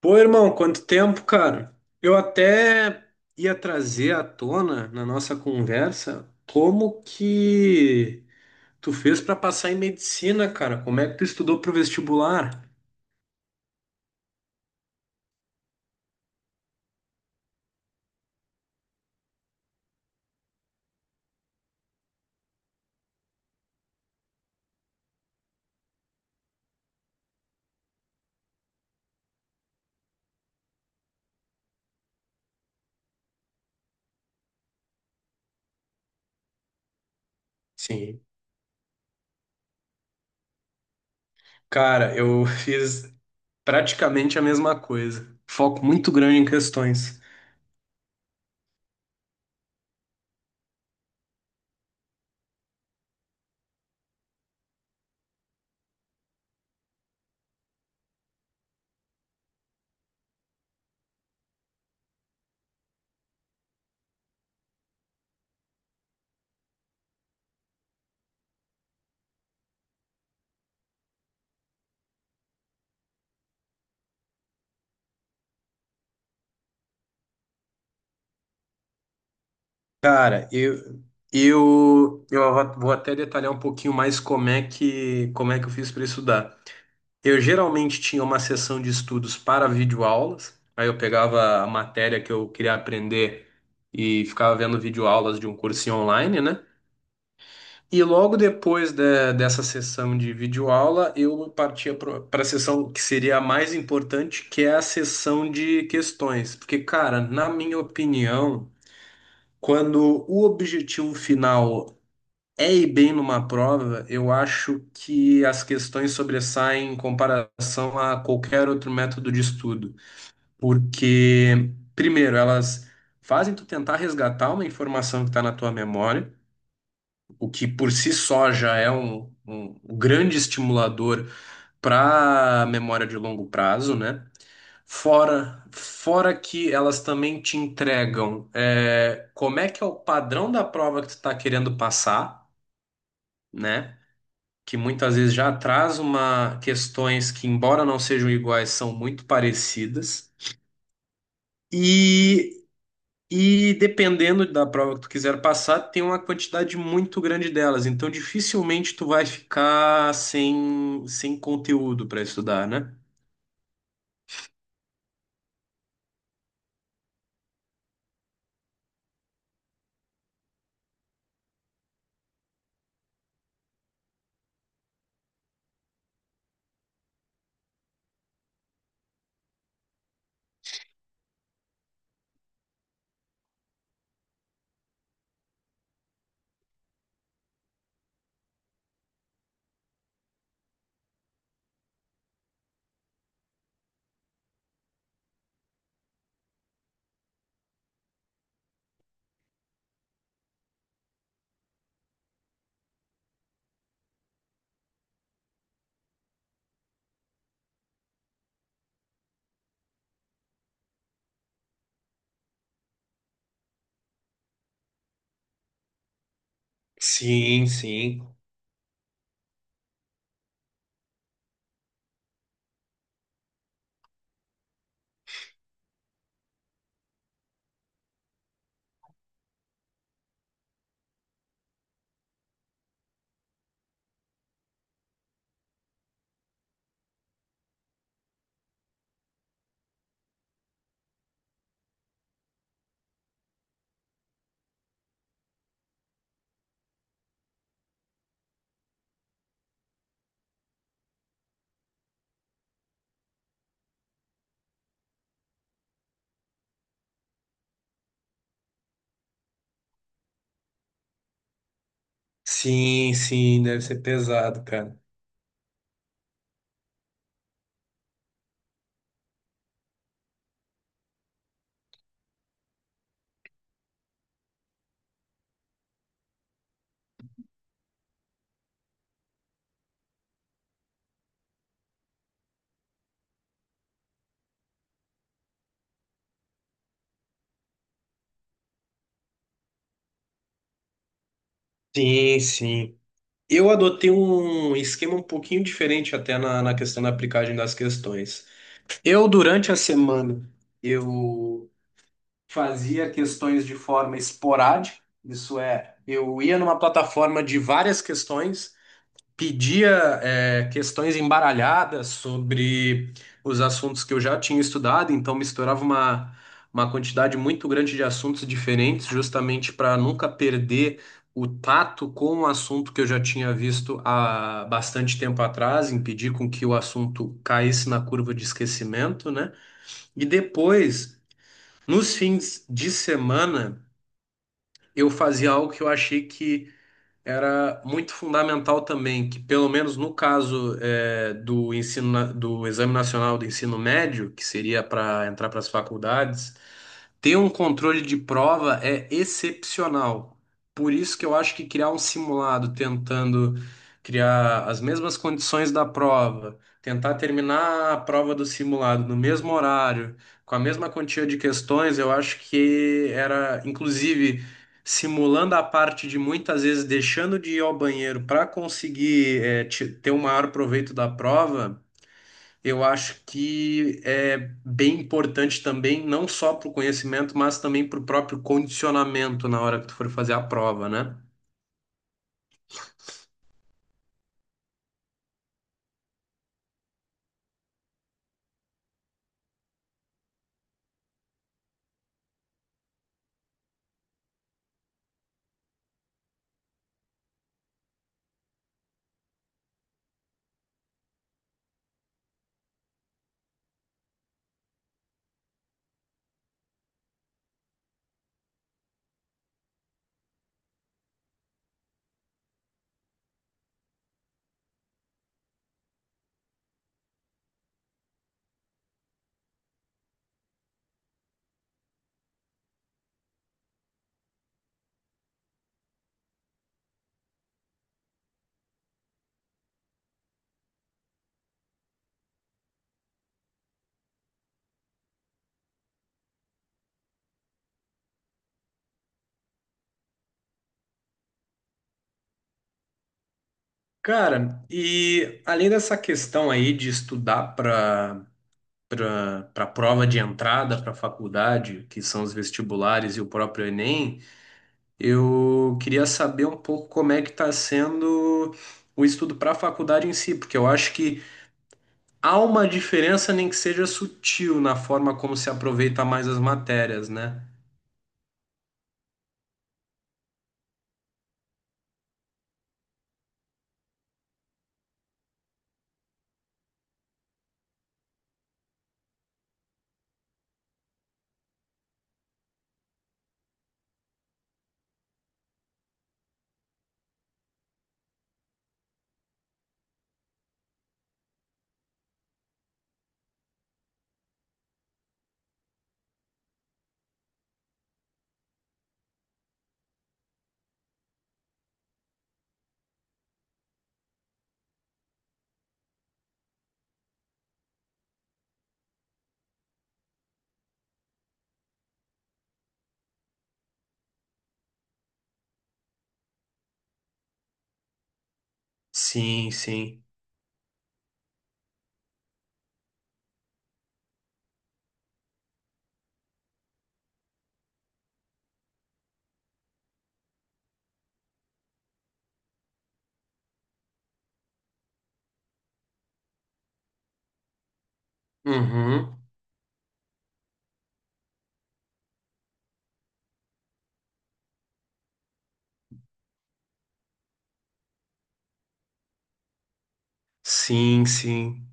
Pô, irmão, quanto tempo, cara? Eu até ia trazer à tona na nossa conversa como que tu fez pra passar em medicina, cara? Como é que tu estudou pro vestibular? Sim. Cara, eu fiz praticamente a mesma coisa. Foco muito grande em questões. Cara, eu vou até detalhar um pouquinho mais como é que eu fiz pra estudar. Eu geralmente tinha uma sessão de estudos para videoaulas, aí eu pegava a matéria que eu queria aprender e ficava vendo videoaulas de um cursinho online, né? E logo depois dessa sessão de videoaula, eu partia para a sessão que seria a mais importante, que é a sessão de questões. Porque, cara, na minha opinião, quando o objetivo final é e bem numa prova, eu acho que as questões sobressaem em comparação a qualquer outro método de estudo, porque, primeiro, elas fazem tu tentar resgatar uma informação que está na tua memória, o que por si só já é um grande estimulador para a memória de longo prazo, né? Fora que elas também te entregam, como é que é o padrão da prova que tu está querendo passar, né? Que muitas vezes já traz uma questões que, embora não sejam iguais, são muito parecidas. E, e dependendo da prova que tu quiser passar, tem uma quantidade muito grande delas. Então, dificilmente tu vai ficar sem conteúdo para estudar, né? Sim, sim. Sim, sim, deve ser pesado, cara. Sim, sim. Eu adotei um esquema um pouquinho diferente até na questão da aplicagem das questões. Eu, durante a semana, eu fazia questões de forma esporádica, isso é, eu ia numa plataforma de várias questões, pedia, questões embaralhadas sobre os assuntos que eu já tinha estudado, então misturava uma quantidade muito grande de assuntos diferentes, justamente para nunca perder o tato com um assunto que eu já tinha visto há bastante tempo atrás, impedir com que o assunto caísse na curva de esquecimento, né? E depois, nos fins de semana, eu fazia algo que eu achei que era muito fundamental também que, pelo menos no caso do ensino, do Exame Nacional do Ensino Médio, que seria para entrar para as faculdades, ter um controle de prova é excepcional. Por isso que eu acho que criar um simulado tentando criar as mesmas condições da prova, tentar terminar a prova do simulado no mesmo horário, com a mesma quantia de questões, eu acho que era, inclusive simulando a parte de muitas vezes deixando de ir ao banheiro para conseguir ter o maior proveito da prova, eu acho que é bem importante também, não só para o conhecimento, mas também para o próprio condicionamento na hora que tu for fazer a prova, né? Cara, e além dessa questão aí de estudar para prova de entrada para a faculdade, que são os vestibulares e o próprio Enem, eu queria saber um pouco como é que está sendo o estudo para a faculdade em si, porque eu acho que há uma diferença, nem que seja sutil, na forma como se aproveita mais as matérias, né? Sim, sim. Uhum. Sim, sim.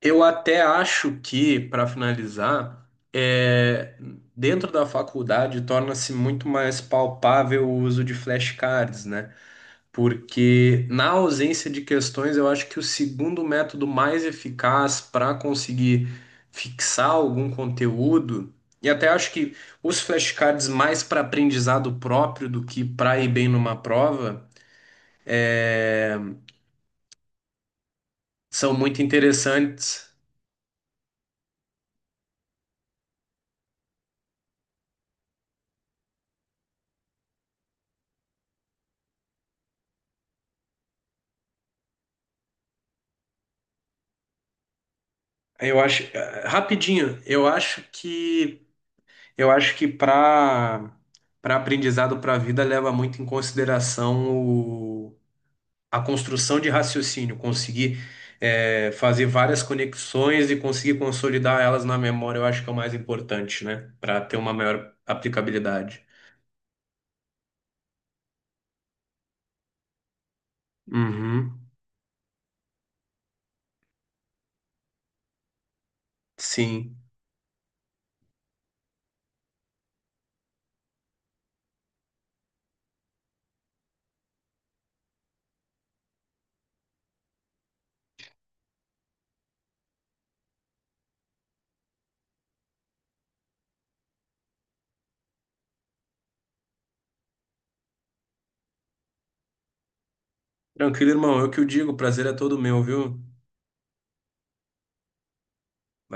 Eu até acho que, para finalizar, é, dentro da faculdade torna-se muito mais palpável o uso de flashcards, né? Porque na ausência de questões, eu acho que o segundo método mais eficaz para conseguir fixar algum conteúdo, e até acho que os flashcards mais para aprendizado próprio do que para ir bem numa prova, é, são muito interessantes. Eu acho, rapidinho, eu acho que para para aprendizado para a vida leva muito em consideração o a construção de raciocínio, conseguir fazer várias conexões e conseguir consolidar elas na memória, eu acho que é o mais importante, né? Para ter uma maior aplicabilidade. Uhum, sim. Tranquilo, irmão. Eu que o digo, o prazer é todo meu, viu?